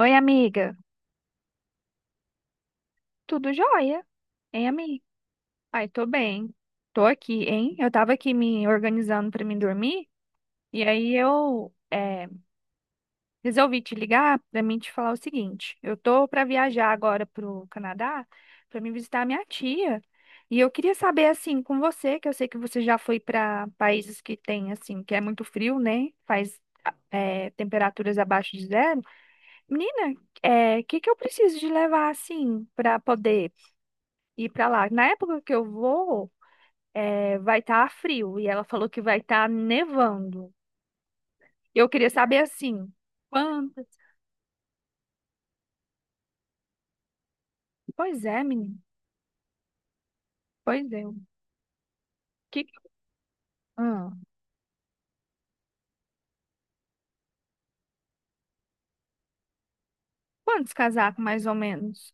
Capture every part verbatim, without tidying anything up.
Oi, amiga. Tudo jóia? Hein, amiga? Ai, tô bem. Tô aqui, hein? Eu tava aqui me organizando pra mim dormir e aí eu eh, resolvi te ligar pra mim te falar o seguinte. Eu tô pra viajar agora pro Canadá pra me visitar minha tia e eu queria saber assim com você, que eu sei que você já foi pra países que tem assim, que é muito frio, né? Faz eh, temperaturas abaixo de zero. Menina, é o que que eu preciso de levar assim pra poder ir pra lá. Na época que eu vou, é, vai estar frio e ela falou que vai estar nevando. Eu queria saber assim, quantas? Pois é, menino. Pois é. Que... Ah, quantos casacos mais ou menos?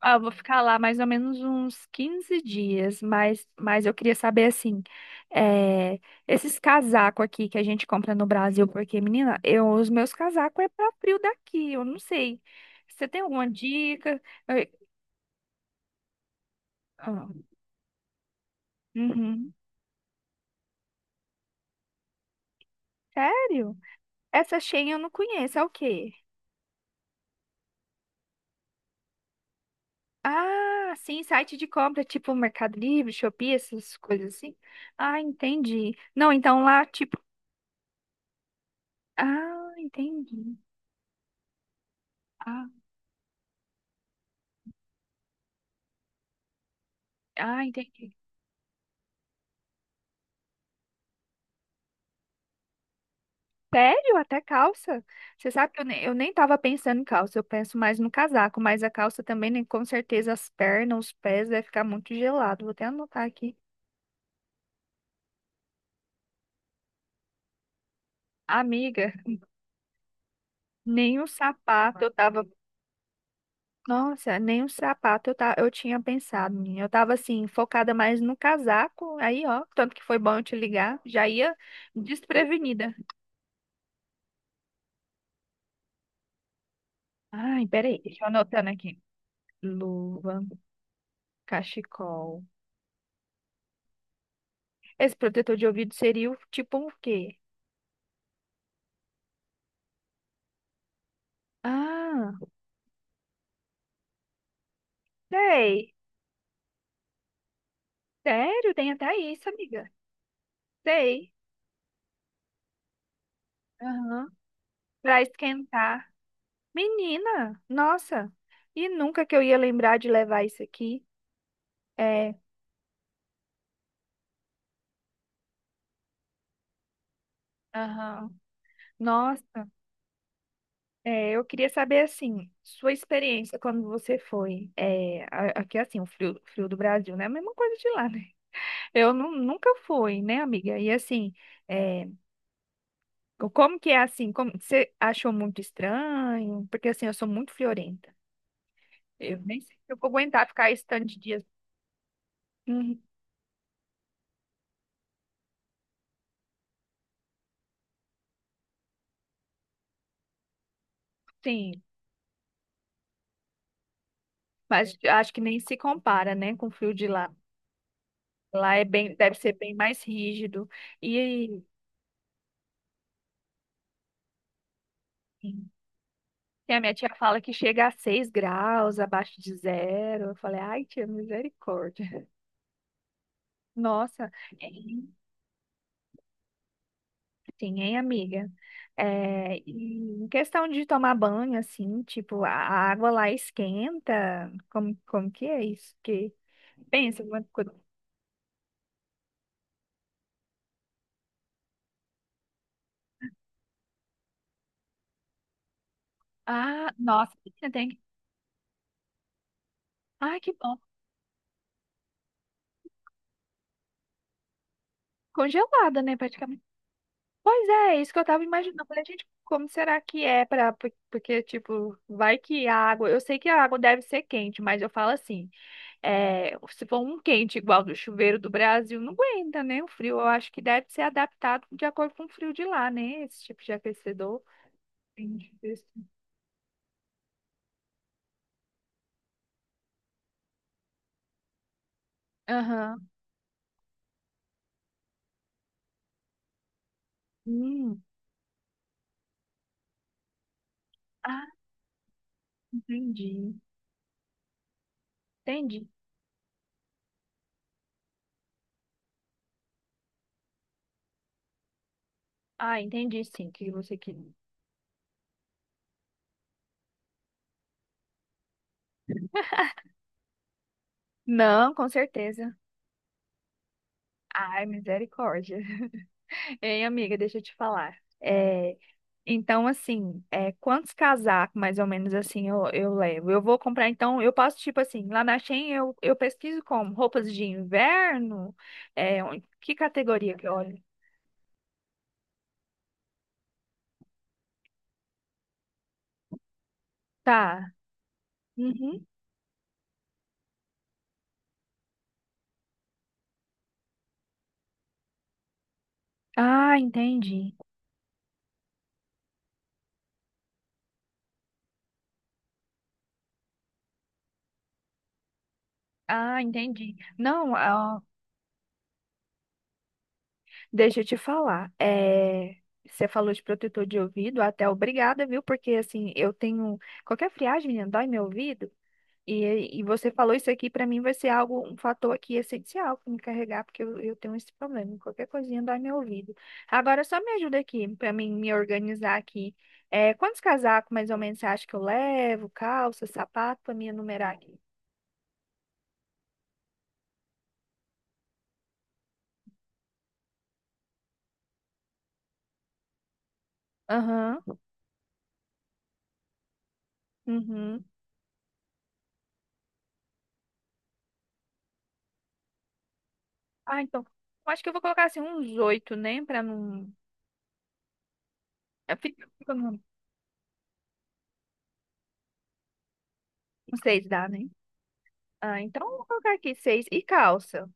Ah, eu vou ficar lá mais ou menos uns quinze dias, mas, mas eu queria saber assim, é, esses casacos aqui que a gente compra no Brasil, porque, menina, eu, os meus casacos é para frio daqui, eu não sei. Você tem alguma dica? Eu- ah, uhum. Sério? Essa Shein eu não conheço, é o quê? Ah, sim, site de compra, tipo Mercado Livre, Shopee, essas coisas assim. Ah, entendi. Não, então lá, tipo. Ah, entendi. Ah, ah, entendi. Sério? Até calça? Você sabe que eu nem, eu nem tava pensando em calça, eu penso mais no casaco, mas a calça também, né, com certeza, as pernas, os pés, vai ficar muito gelado. Vou até anotar aqui. Amiga, nem o sapato eu tava Nossa, nem um sapato eu, ta... eu tinha pensado, menina. Eu tava assim, focada mais no casaco, aí ó, tanto que foi bom eu te ligar, já ia desprevenida. Ai, peraí, deixa eu anotando aqui. Luva, cachecol. Esse protetor de ouvido seria o tipo um quê? Ah, sei. Sério, tem até isso, amiga. Sei. Aham. Pra esquentar. Menina, nossa. E nunca que eu ia lembrar de levar isso aqui. É. Aham. Nossa. É, eu queria saber, assim, sua experiência quando você foi. É, a- aqui, assim, o frio, frio do Brasil, né? A mesma coisa de lá, né? Eu nu- nunca fui, né, amiga? E, assim, é, co- como que é, assim? Como, você achou muito estranho? Porque, assim, eu sou muito friorenta. Eu nem sei se eu vou aguentar ficar esse tanto de dias. Uhum, sim, mas acho que nem se compara, né, com o frio de lá. Lá é bem, deve ser bem mais rígido. E. E a minha tia fala que chega a seis graus abaixo de zero. Eu falei, ai, tia, misericórdia. Nossa, é, sim, hein, amiga? É, e em questão de tomar banho, assim, tipo, a a água lá esquenta. Como, como que é isso? Que pensa, uma coisa- ah, nossa, menina, tem. Ai, que bom. Congelada, né, praticamente. Pois é, é isso que eu tava imaginando. Eu falei, gente, como será que é pra. por- porque, tipo, vai que a água. Eu sei que a água deve ser quente, mas eu falo assim. É, se for um quente igual do chuveiro do Brasil, não aguenta, né? O frio, eu acho que deve ser adaptado de acordo com o frio de lá, né? Esse tipo de aquecedor. Entendi. Esse- Aham. Hum. Ah, entendi. Entendi. Ah, entendi sim o que você queria. Não, com certeza. Ai, misericórdia. Ei, amiga, deixa eu te falar. É, então, assim, é, quantos casacos, mais ou menos assim, eu, eu levo? Eu vou comprar, então, eu posso, tipo assim, lá na Shein eu, eu pesquiso como roupas de inverno, é, on- que categoria que eu olho? Tá. Uhum. Ah, entendi. Ah, entendi. Não, ah, deixa eu te falar. É, você falou de protetor de ouvido, até obrigada, viu? Porque, assim, eu tenho. Qualquer friagem, menina, dói meu ouvido. E, e você falou isso aqui, para mim vai ser algo, um fator aqui essencial para me carregar, porque eu, eu tenho esse problema. Qualquer coisinha dói meu ouvido. Agora só me ajuda aqui, para mim me organizar aqui. É, quantos casacos mais ou menos você acha que eu levo? Calça, sapato, para me enumerar aqui. Aham, uhum. Ah, então, eu acho que eu vou colocar assim uns oito, né? Para não. é, Fica, fica no- uns seis dá, né? Ah, então eu vou colocar aqui seis. E calça,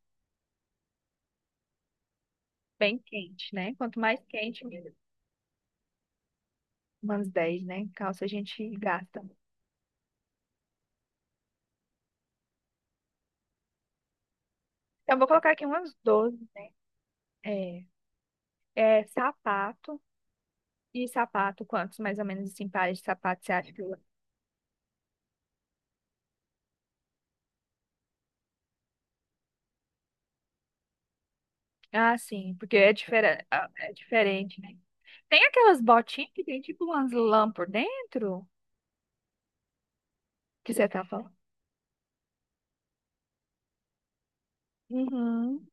bem quente, né? Quanto mais quente, umas dez, né? Calça a gente gasta. Eu vou colocar aqui umas doze, né, É, é sapato. E sapato, quantos mais ou menos assim, pares de sapato você acha? que eu- Ah, sim, porque é, difere... ah, é diferente, né? Tem aquelas botinhas que tem tipo umas lã por dentro que você tá falando? Uhum.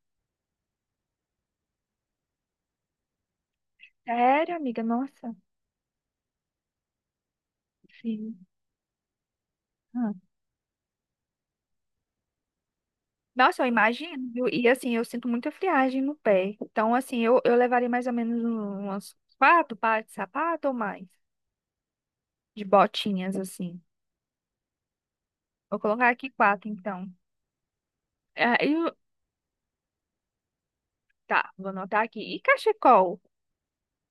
Sério, amiga? Nossa. Sim. Ah. Nossa, eu imagino, viu? E assim, eu sinto muita friagem no pé. Então, assim, eu, eu levaria mais ou menos um- umas quatro pares de sapato ou mais. De botinhas, assim. Vou colocar aqui quatro, então. Ah, e o- tá, vou anotar aqui. E cachecol?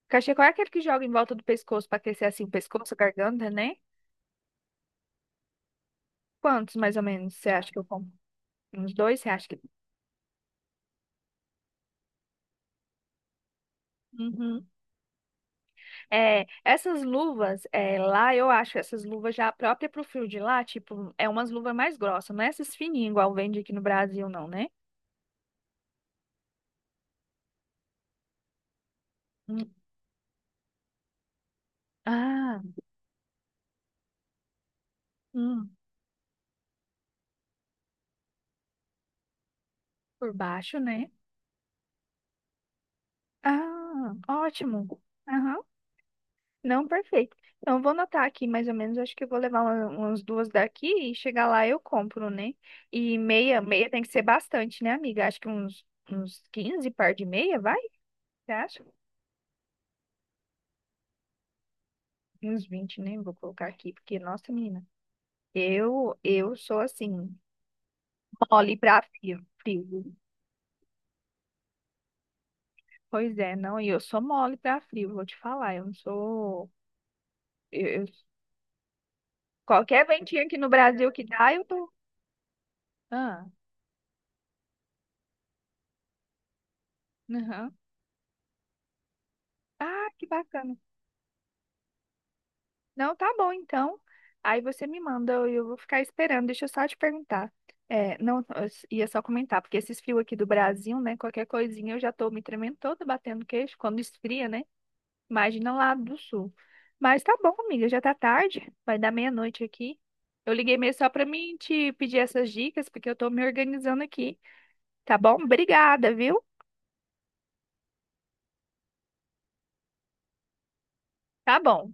Cachecol é aquele que joga em volta do pescoço para aquecer assim o pescoço, a garganta, né? Quantos, mais ou menos, você acha que eu compro? Uns dois, você acha que... Uhum. É, essas luvas, é, lá eu acho essas luvas já própria pro frio de lá, tipo, é umas luvas mais grossas, não é essas fininhas igual vende aqui no Brasil, não, né? Hum. Ah, hum, por baixo, né? Ah, ótimo. Não, perfeito. Então, eu vou anotar aqui mais ou menos. Acho que eu vou levar uma- umas duas daqui e chegar lá eu compro, né? E meia, meia tem que ser bastante, né, amiga? Acho que uns, uns quinze par de meia, vai? Você acha? Uns vinte, né? Vou colocar aqui, porque, nossa, menina, eu, eu sou assim, mole pra frio, frio. Pois é, não, e eu sou mole pra frio, vou te falar. Eu não sou. eu- eu- Qualquer ventinho aqui no Brasil que dá, eu tô. Ah, aham. Ah, que bacana. Não, tá bom, então. Aí você me manda e eu vou ficar esperando. Deixa eu só te perguntar. É, não, eu s- ia só comentar, porque esses fios aqui do Brasil, né? Qualquer coisinha eu já tô me tremendo toda, batendo queixo quando esfria, né? Imagina lá do sul. Mas tá bom, amiga, já tá tarde, vai dar meia-noite aqui. Eu liguei mesmo só pra mim te pedir essas dicas, porque eu tô me organizando aqui. Tá bom? Obrigada, viu? Tá bom.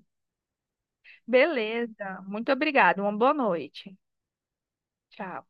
Beleza. Muito obrigada. Uma boa noite. Tchau.